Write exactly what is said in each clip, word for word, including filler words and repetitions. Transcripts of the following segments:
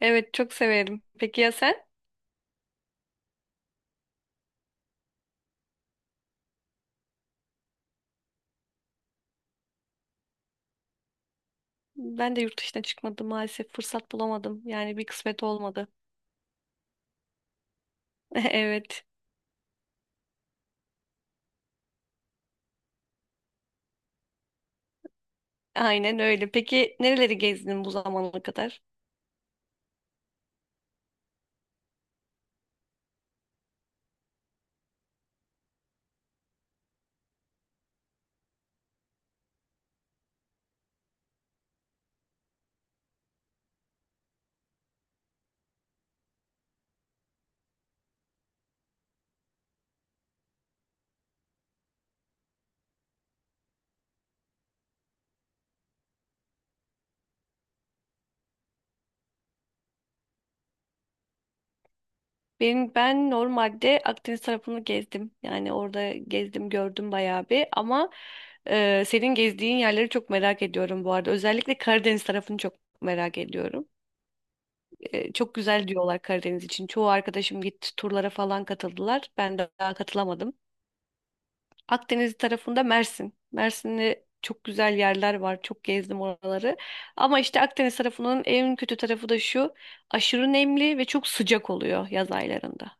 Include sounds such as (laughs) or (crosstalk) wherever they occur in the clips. Evet çok severim. Peki ya sen? Ben de yurt dışına çıkmadım maalesef. Fırsat bulamadım. Yani bir kısmet olmadı. (laughs) Evet. Aynen öyle. Peki nereleri gezdin bu zamana kadar? Benim ben normalde Akdeniz tarafını gezdim. Yani orada gezdim gördüm bayağı bir ama e, senin gezdiğin yerleri çok merak ediyorum bu arada. Özellikle Karadeniz tarafını çok merak ediyorum. E, çok güzel diyorlar Karadeniz için. Çoğu arkadaşım gitti turlara falan katıldılar. Ben de daha katılamadım. Akdeniz tarafında Mersin. Mersin'de çok güzel yerler var. Çok gezdim oraları. Ama işte Akdeniz tarafının en kötü tarafı da şu. Aşırı nemli ve çok sıcak oluyor yaz aylarında.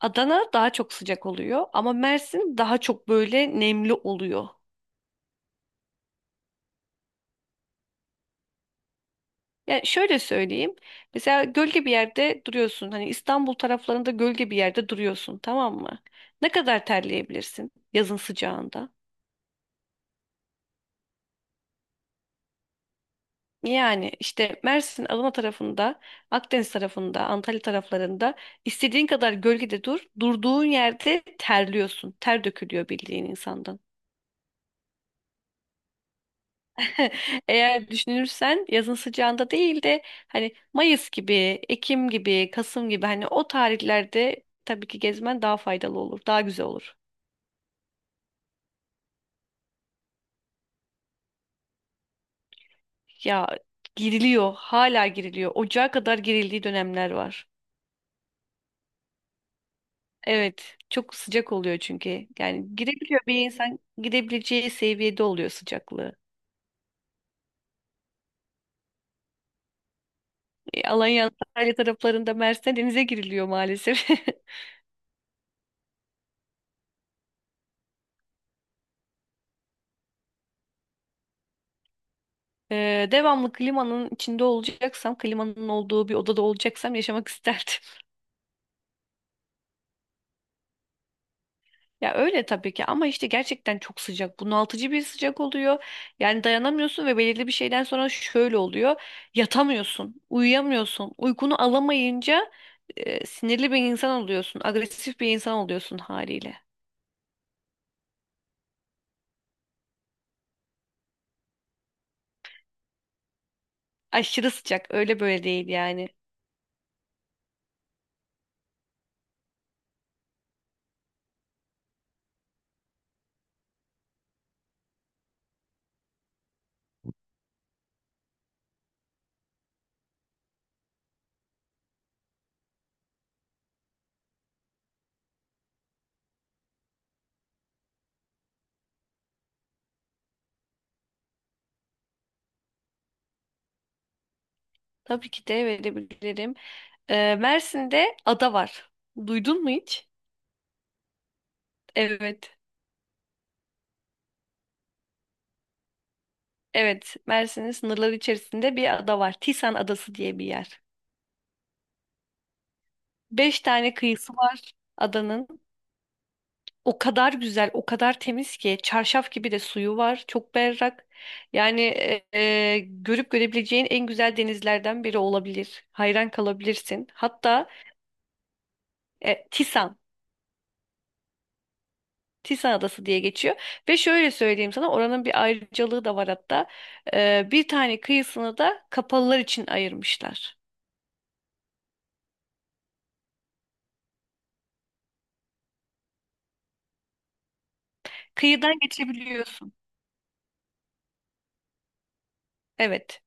Adana daha çok sıcak oluyor ama Mersin daha çok böyle nemli oluyor. Yani şöyle söyleyeyim. Mesela gölge bir yerde duruyorsun. Hani İstanbul taraflarında gölge bir yerde duruyorsun, tamam mı? Ne kadar terleyebilirsin yazın sıcağında? Yani işte Mersin, Adana tarafında, Akdeniz tarafında, Antalya taraflarında istediğin kadar gölgede dur. Durduğun yerde terliyorsun. Ter dökülüyor bildiğin insandan. (laughs) Eğer düşünürsen yazın sıcağında değil de hani Mayıs gibi, Ekim gibi, Kasım gibi hani o tarihlerde tabii ki gezmen daha faydalı olur, daha güzel olur. Ya giriliyor, hala giriliyor. Ocağa kadar girildiği dönemler var. Evet, çok sıcak oluyor çünkü. Yani girebiliyor bir insan girebileceği seviyede oluyor sıcaklığı. E, Alanya, Antalya taraflarında Mersin'de denize giriliyor maalesef. (laughs) E, devamlı klimanın içinde olacaksam, klimanın olduğu bir odada olacaksam yaşamak (laughs) isterdim. Ya öyle tabii ki ama işte gerçekten çok sıcak. Bunaltıcı bir sıcak oluyor. Yani dayanamıyorsun ve belirli bir şeyden sonra şöyle oluyor. Yatamıyorsun, uyuyamıyorsun. Uykunu alamayınca e, sinirli bir insan oluyorsun, agresif bir insan oluyorsun haliyle. Aşırı sıcak, öyle böyle değil yani. Tabii ki de verebilirim. E, Mersin'de ada var. Duydun mu hiç? Evet. Evet, Mersin'in sınırları içerisinde bir ada var. Tisan Adası diye bir yer. Beş tane kıyısı var adanın. O kadar güzel, o kadar temiz ki çarşaf gibi de suyu var. Çok berrak. Yani e, e, görüp görebileceğin en güzel denizlerden biri olabilir. Hayran kalabilirsin. Hatta e, Tisan, Tisan Adası diye geçiyor. Ve şöyle söyleyeyim sana oranın bir ayrıcalığı da var hatta. E, bir tane kıyısını da kapalılar için ayırmışlar. Kıyıdan geçebiliyorsun. Evet.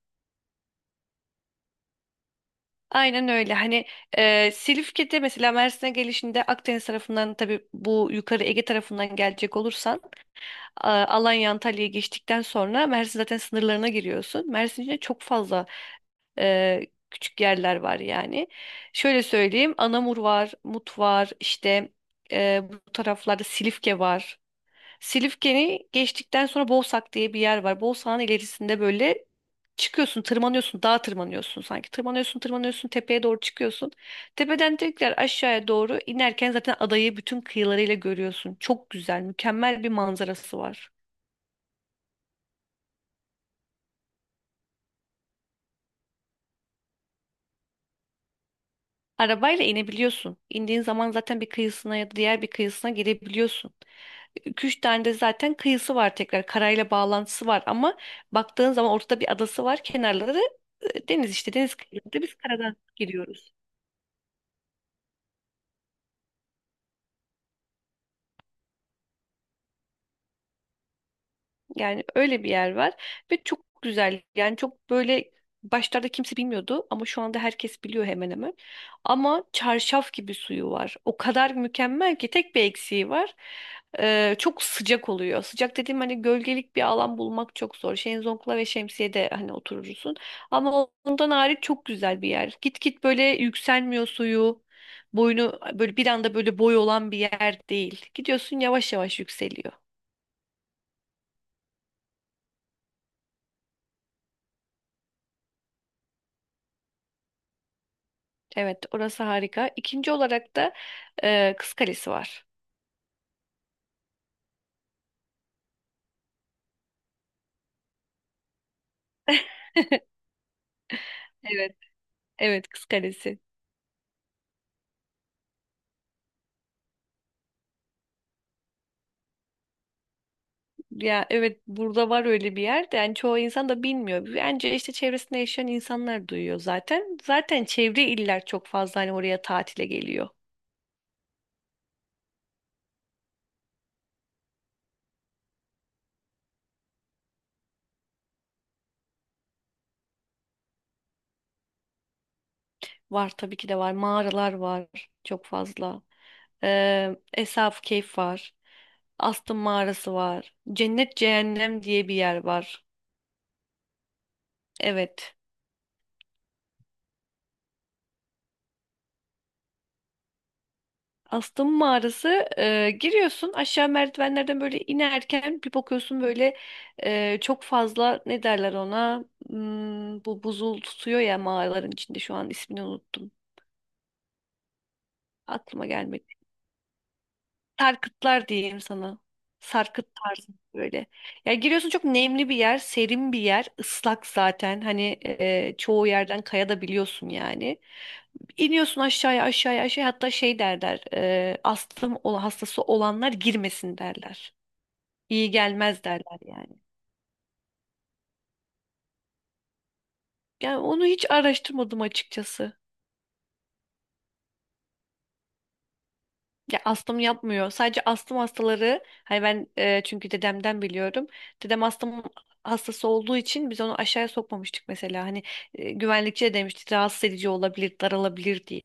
Aynen öyle. Hani ee, Silifke'de mesela Mersin'e gelişinde Akdeniz tarafından tabii bu yukarı Ege tarafından gelecek olursan A- Alanya Antalya'ya geçtikten sonra Mersin zaten sınırlarına giriyorsun. Mersin içinde çok fazla e, küçük yerler var yani. Şöyle söyleyeyim Anamur var, Mut var işte e, bu taraflarda Silifke var. Silifke'ni geçtikten sonra Boğsak diye bir yer var. Boğsak'ın ilerisinde böyle çıkıyorsun, tırmanıyorsun, dağa tırmanıyorsun sanki. Tırmanıyorsun, tırmanıyorsun, tepeye doğru çıkıyorsun. Tepeden tekrar aşağıya doğru inerken zaten adayı bütün kıyılarıyla görüyorsun. Çok güzel, mükemmel bir manzarası var. Arabayla inebiliyorsun. İndiğin zaman zaten bir kıyısına ya da diğer bir kıyısına girebiliyorsun. iki üç tane de zaten kıyısı var tekrar. Karayla bağlantısı var ama baktığın zaman ortada bir adası var. Kenarları e, deniz işte. Deniz kıyıları biz karadan giriyoruz. Yani öyle bir yer var ve çok güzel. Yani çok böyle başlarda kimse bilmiyordu ama şu anda herkes biliyor hemen hemen. Ama çarşaf gibi suyu var. O kadar mükemmel ki tek bir eksiği var. Ee, çok sıcak oluyor. Sıcak dediğim hani gölgelik bir alan bulmak çok zor. Şezlongla ve şemsiyede hani oturursun. Ama ondan hariç çok güzel bir yer. Git git böyle yükselmiyor suyu. Boyunu böyle bir anda böyle boy olan bir yer değil. Gidiyorsun yavaş yavaş yükseliyor. Evet, orası harika. İkinci olarak da e, Kız Kalesi var. (laughs) Evet, evet Kız Kalesi. Ya evet burada var öyle bir yer de yani çoğu insan da bilmiyor. Bence işte çevresinde yaşayan insanlar duyuyor zaten. Zaten çevre iller çok fazla hani oraya tatile geliyor. Var tabii ki de var. Mağaralar var çok fazla. Ee, Esaf Keyf var. Astım Mağarası var. Cennet Cehennem diye bir yer var. Evet. Astım mağarası e, giriyorsun aşağı merdivenlerden böyle inerken bir bakıyorsun böyle e, çok fazla ne derler ona. Hmm, bu buzul tutuyor ya mağaraların içinde şu an ismini unuttum, aklıma gelmedi. Sarkıtlar diyeyim sana. Sarkıt tarzı böyle. Ya giriyorsun çok nemli bir yer, serin bir yer, ıslak zaten. Hani e, çoğu yerden kaya da biliyorsun yani. İniyorsun aşağıya aşağıya aşağıya hatta şey derler. E, astım ol- hastası olanlar girmesin derler. İyi gelmez derler yani. Yani onu hiç araştırmadım açıkçası. Ya astım yapmıyor. Sadece astım hastaları hani ben e, çünkü dedemden biliyorum. Dedem astım hastası olduğu için biz onu aşağıya sokmamıştık mesela. Hani e, güvenlikçi de demişti rahatsız edici olabilir, daralabilir diye.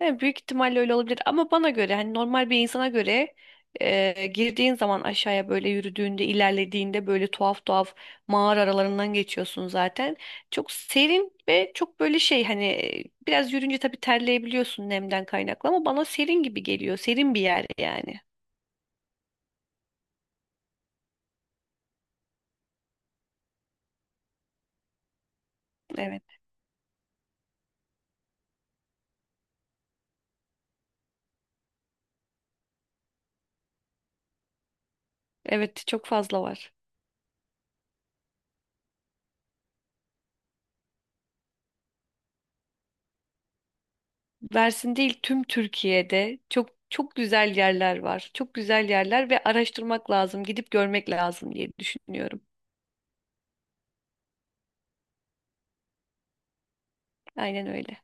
Yani büyük ihtimalle öyle olabilir ama bana göre hani normal bir insana göre e, girdiğin zaman aşağıya böyle yürüdüğünde ilerlediğinde böyle tuhaf tuhaf mağara aralarından geçiyorsun zaten. Çok serin ve çok böyle şey hani e, biraz yürünce tabii terleyebiliyorsun nemden kaynaklı ama bana serin gibi geliyor. Serin bir yer yani. Evet. Evet çok fazla var. Mersin değil tüm Türkiye'de çok çok güzel yerler var. Çok güzel yerler ve araştırmak lazım, gidip görmek lazım diye düşünüyorum. Aynen öyle.